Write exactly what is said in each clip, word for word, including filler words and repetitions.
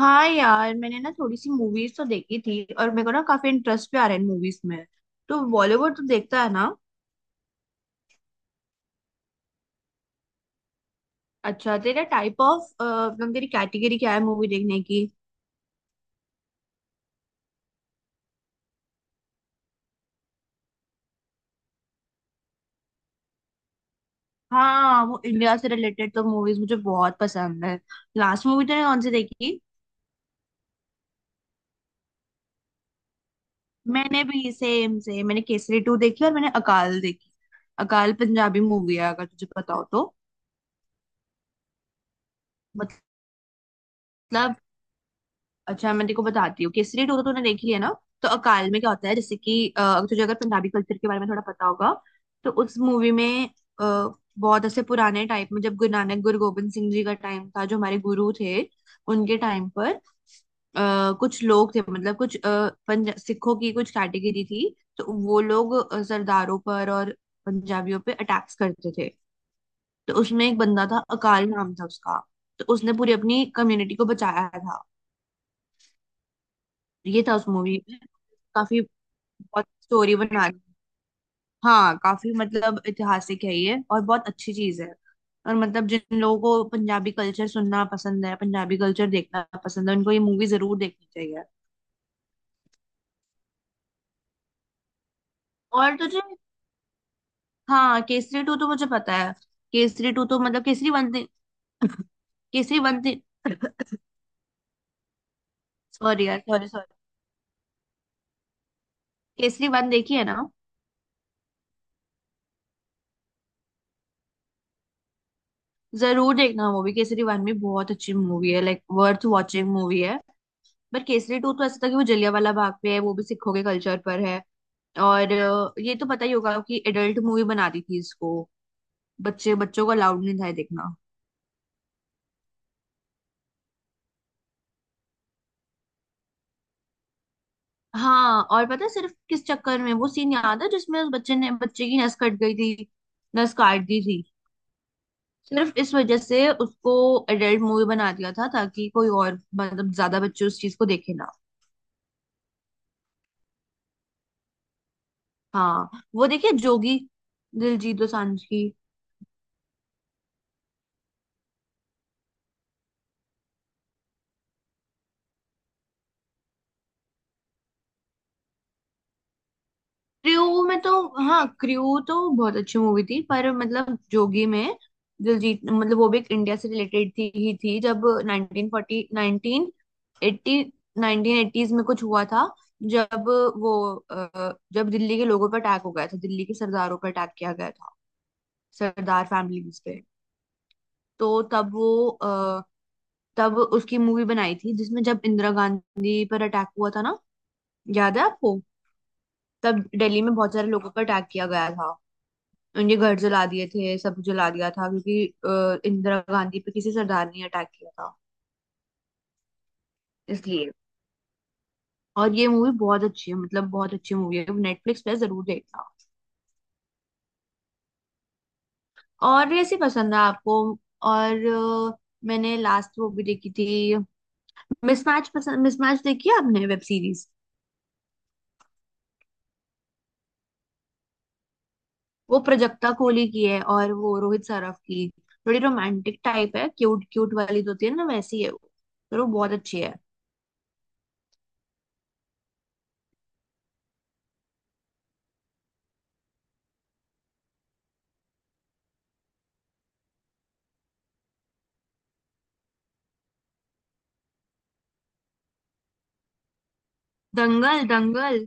हाँ यार, मैंने ना थोड़ी सी मूवीज तो देखी थी और मेरे को ना काफी इंटरेस्ट भी आ रहा है मूवीज में। तो बॉलीवुड तो देखता है ना। अच्छा, तेरा टाइप ऑफ मतलब तेरी कैटेगरी क्या है मूवी देखने की। हाँ वो इंडिया से रिलेटेड तो मूवीज मुझे बहुत पसंद है। लास्ट मूवी तूने कौन सी देखी। मैंने भी सेम सेम, मैंने केसरी टू देखी और मैंने अकाल देखी। अकाल पंजाबी मूवी है अगर तुझे पता हो तो। मतलब, अच्छा मैं तेको बताती हूँ, केसरी टू तो तूने देख लिया ना। तो अकाल में क्या होता है, जैसे कि अ, अगर तुझे, अगर पंजाबी कल्चर के बारे में थोड़ा पता होगा, तो उस मूवी में अ, बहुत ऐसे पुराने टाइप में जब गुरु नानक गुरु गोविंद सिंह जी का टाइम था, जो हमारे गुरु थे। उनके टाइम पर अ, कुछ लोग थे, मतलब कुछ अ, पंजा सिखों की कुछ कैटेगरी थी। तो वो लोग अ, सरदारों पर और पंजाबियों पे अटैक्स करते थे। तो उसमें एक बंदा था, अकाल नाम था उसका। तो उसने पूरी अपनी कम्युनिटी को बचाया था। ये था उस मूवी में। काफी बहुत स्टोरी बना। हाँ काफी मतलब ऐतिहासिक है ये, और बहुत अच्छी चीज है। और मतलब जिन लोगों को पंजाबी कल्चर सुनना पसंद है, पंजाबी कल्चर देखना पसंद है, उनको ये मूवी जरूर देखनी चाहिए। और तुझे। हाँ केसरी टू तो मुझे पता है। केसरी टू तो मतलब केसरी वन दे- केसरी वन। सॉरी यार, सॉरी, सॉरी। केसरी वन देखी है ना। जरूर देखना मूवी, केसरी वन भी बहुत अच्छी मूवी है, लाइक वर्थ वॉचिंग मूवी है। बट केसरी टू तो ऐसा था कि वो जलियांवाला बाग पे है, वो भी सिखों के कल्चर पर है। और अ, ये तो पता ही होगा कि एडल्ट मूवी बना दी थी इसको। बच्चे, बच्चों को अलाउड नहीं था ये देखना। हाँ और पता है, सिर्फ किस चक्कर में, वो सीन याद है जिसमें उस बच्चे ने, बच्चे की नस कट गई थी, नस काट दी थी। सिर्फ इस वजह से उसको एडल्ट मूवी बना दिया था, ताकि कोई और मतलब ज्यादा बच्चे उस चीज को देखे ना। हाँ वो देखिए जोगी, दिलजीत दोसांझ की। क्रू में तो, हाँ क्रू तो बहुत अच्छी मूवी थी, पर मतलब जोगी में दिलजीत, मतलब वो भी एक इंडिया से रिलेटेड थी ही थी, जब nineteen forty nineteen eighty nineteen eighties में कुछ हुआ था, जब वो अ, जब दिल्ली के लोगों पर अटैक हो गया था, दिल्ली के सरदारों पर अटैक किया गया था, सरदार फैमिलीज पे। तो तब वो अ, तब उसकी मूवी बनाई थी, जिसमें जब इंदिरा गांधी पर अटैक हुआ था ना, याद है आपको। तब दिल्ली में बहुत सारे लोगों पर अटैक किया गया था, उनके घर जला दिए थे, सब जला दिया था, क्योंकि अ, इंदिरा गांधी पे किसी सरदार ने अटैक किया था, इसलिए। और ये मूवी बहुत अच्छी है, मतलब बहुत अच्छी मूवी है, नेटफ्लिक्स पे जरूर देखना। और ऐसी पसंद है आपको। और अ, मैंने लास्ट वो भी देखी थी, मिसमैच। पसंद मिसमैच देखी है आपने वेब सीरीज। वो प्रजक्ता कोहली की है और वो रोहित सराफ की। थोड़ी रोमांटिक टाइप है, क्यूट क्यूट वाली जो होती है ना, वैसी है वो। पर वो बहुत अच्छी है। दंगल दंगल।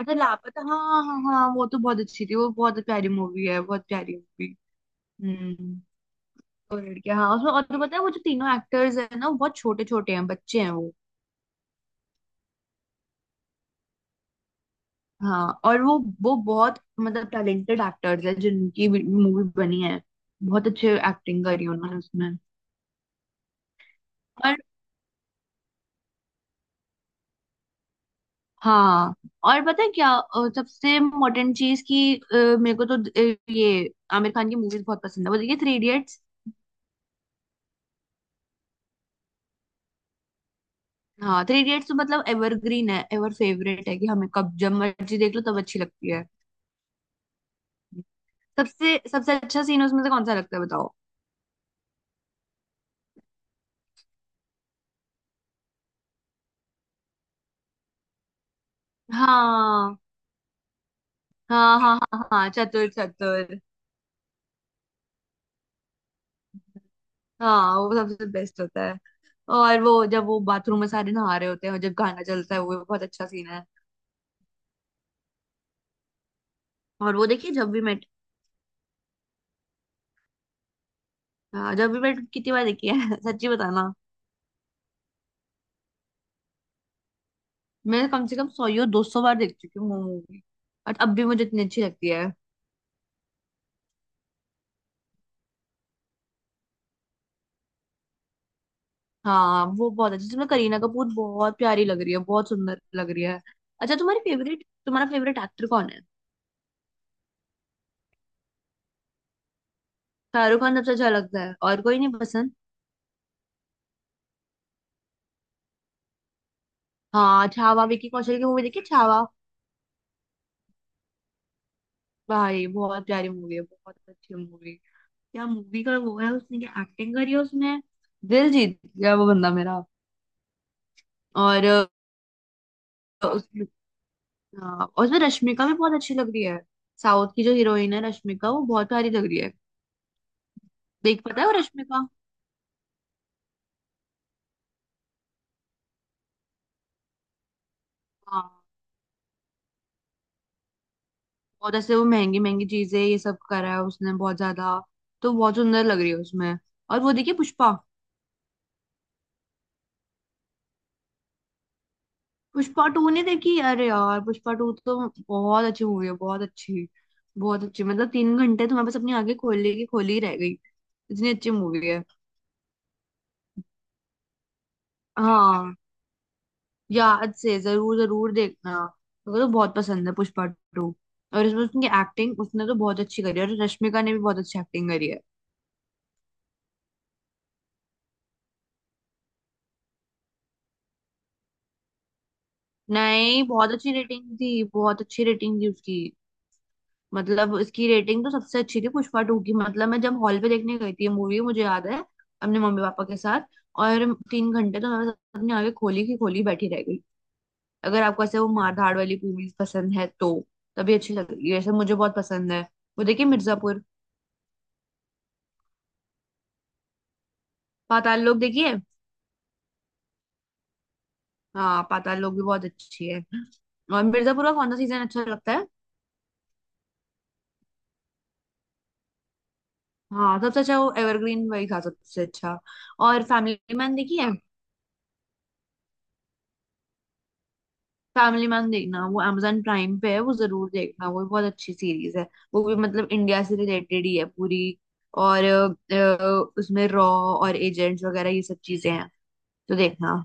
अच्छा लापता, हाँ हाँ हाँ, वो तो बहुत अच्छी थी, वो बहुत प्यारी मूवी है, बहुत प्यारी मूवी। हम्म। और लड़कियां हाँ उसमें, और तो पता है वो जो तीनों एक्टर्स हैं ना वो बहुत छोटे छोटे हैं, बच्चे हैं वो। हाँ और वो वो बहुत मतलब टैलेंटेड एक्टर्स हैं जिनकी मूवी बनी है। बहुत अच्छे एक्टिंग करी उन्होंने उसमें। और हाँ और पता है क्या, अ, सबसे इम्पोर्टेंट चीज की, मेरे को तो अ, ये आमिर खान की मूवीज बहुत पसंद है। वो देखिए थ्री। हाँ थ्री इडियट्स तो मतलब एवरग्रीन है, एवर फेवरेट है कि हमें कब जब मर्जी देख लो तब अच्छी लगती है। सबसे सबसे अच्छा सीन उसमें से कौन सा लगता है बताओ। हाँ हाँ हाँ हाँ हाँ, चतुर चतुर। हाँ वो सबसे बेस्ट होता है। और वो जब वो बाथरूम में सारे नहा रहे होते हैं और जब गाना चलता है, वो भी बहुत अच्छा सीन है। और वो देखिए जब भी मेट। हाँ, जब भी मेट कितनी बार देखी है सच्ची बताना। मैं कम से कम सौ या दो सौ बार देख चुकी हूँ मूवी। और अब भी मुझे इतनी अच्छी लगती है। हाँ वो बहुत अच्छी, जिसमें करीना कपूर बहुत प्यारी लग रही है, बहुत सुंदर लग रही है। अच्छा तुम्हारी फेवरेट, तुम्हारा फेवरेट एक्टर कौन है। शाहरुख खान सबसे अच्छा लगता है, और कोई नहीं पसंद। हाँ छावा, विकी कौशल की मूवी देखी, छावा। भाई बहुत प्यारी मूवी है, बहुत अच्छी मूवी। क्या मूवी का वो है, उसने क्या एक्टिंग करी है उसमें। दिल जीत गया वो बंदा मेरा। और अ, उसमें, हाँ, और उसमें रश्मिका भी बहुत अच्छी लग रही है। साउथ की जो हीरोइन है रश्मिका, वो बहुत प्यारी लग रही है। देख पता है वो रश्मिका। हाँ और जैसे वो महंगी महंगी चीजें ये सब करा है उसने, बहुत ज्यादा। तो बहुत सुंदर लग रही है उसमें। और वो देखिए पुष्पा। पुष्पा टू नहीं देखी, अरे यार पुष्पा टू तो बहुत अच्छी मूवी है, बहुत अच्छी, बहुत अच्छी। मतलब तीन घंटे तुम्हारे पास अपनी आंखें खोलने की खोली ही रह गई। इतनी अच्छी मूवी है। हाँ, याद से जरूर जरूर देखना। मेरे को तो बहुत पसंद है पुष्पा टू। और इसमें उसकी एक्टिंग, उसने तो बहुत अच्छी करी है, और रश्मिका ने भी बहुत अच्छी एक्टिंग करी है। नहीं, बहुत अच्छी रेटिंग थी, बहुत अच्छी रेटिंग थी उसकी। मतलब इसकी रेटिंग तो सबसे अच्छी थी पुष्पा टू की। मतलब मैं जब हॉल पे देखने गई थी ये मूवी, मुझे याद है, अपने मम्मी पापा के साथ। और तीन घंटे तो मैं अपने आगे खोली की खोली बैठी रह गई। अगर आपको ऐसे वो मारधाड़ वाली मूवीज पसंद है तो तभी अच्छी लगेगी, वैसे मुझे बहुत पसंद है। वो देखिए मिर्जापुर। पाताल लोक देखिए। हाँ पाताल लोक भी बहुत अच्छी है। और मिर्जापुर का कौन सा सीजन अच्छा लगता है। हाँ सबसे अच्छा, वो एवरग्रीन वही था सबसे अच्छा। और फैमिली मैन देखिए। फैमिली मैन देखना, वो amazon प्राइम पे है, वो जरूर देखना, वो बहुत अच्छी सीरीज है। वो भी मतलब इंडिया से रिलेटेड ही है पूरी। और अ, अ, उसमें रॉ और एजेंट्स वगैरह ये सब चीजें हैं, तो देखना।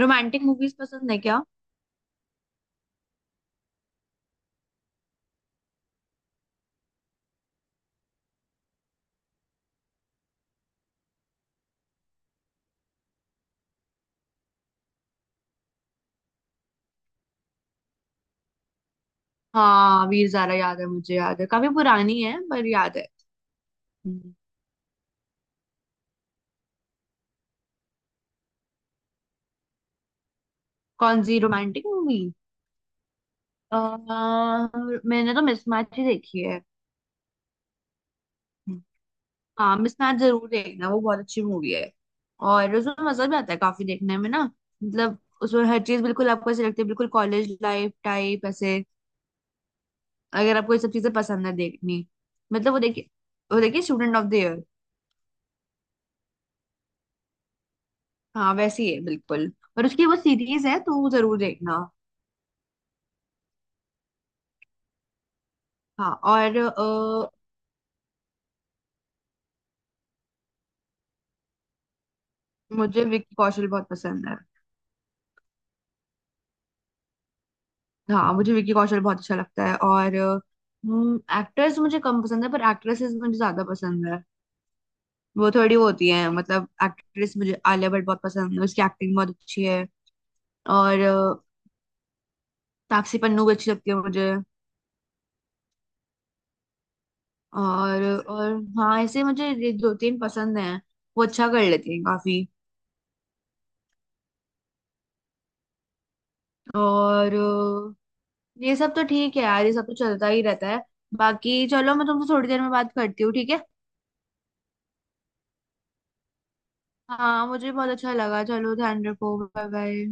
रोमांटिक मूवीज पसंद है क्या। हाँ वीर ज़ारा याद है, मुझे याद है, काफी पुरानी है पर याद है। हम्म। कौन सी रोमांटिक मूवी। मैंने तो मिसमैच ही देखी है। हाँ मिसमैच जरूर देखना, वो बहुत अच्छी मूवी है। और उसमें मजा भी आता है काफी देखने में ना। मतलब उसमें हर चीज बिल्कुल आपको ऐसे लगती है, बिल्कुल कॉलेज लाइफ टाइप ऐसे। अगर आपको ये सब चीजें पसंद है देखनी, मतलब वो देखिए, वो देखिए स्टूडेंट ऑफ द ईयर। हाँ वैसी है बिल्कुल। और उसकी वो सीरीज है, तो वो जरूर देखना। हाँ और अ, मुझे विक्की कौशल बहुत पसंद है। हाँ मुझे विक्की कौशल बहुत अच्छा लगता है। और एक्टर्स मुझे कम पसंद है, पर एक्ट्रेसेस मुझे ज्यादा पसंद है। वो थोड़ी वो होती है, मतलब एक्ट्रेस मुझे आलिया भट्ट बहुत पसंद है, उसकी एक्टिंग बहुत अच्छी है। और अ, तापसी पन्नू भी अच्छी लगती है मुझे। और और हाँ ऐसे मुझे ये दो तीन पसंद हैं, वो अच्छा कर लेती हैं काफी। और अ, ये सब तो ठीक है यार, ये सब तो चलता ही रहता है। बाकी चलो, मैं तुमसे थोड़ी देर में बात करती हूँ, ठीक है। हाँ मुझे बहुत अच्छा लगा, चलो ध्यान रखो, बाय बाय।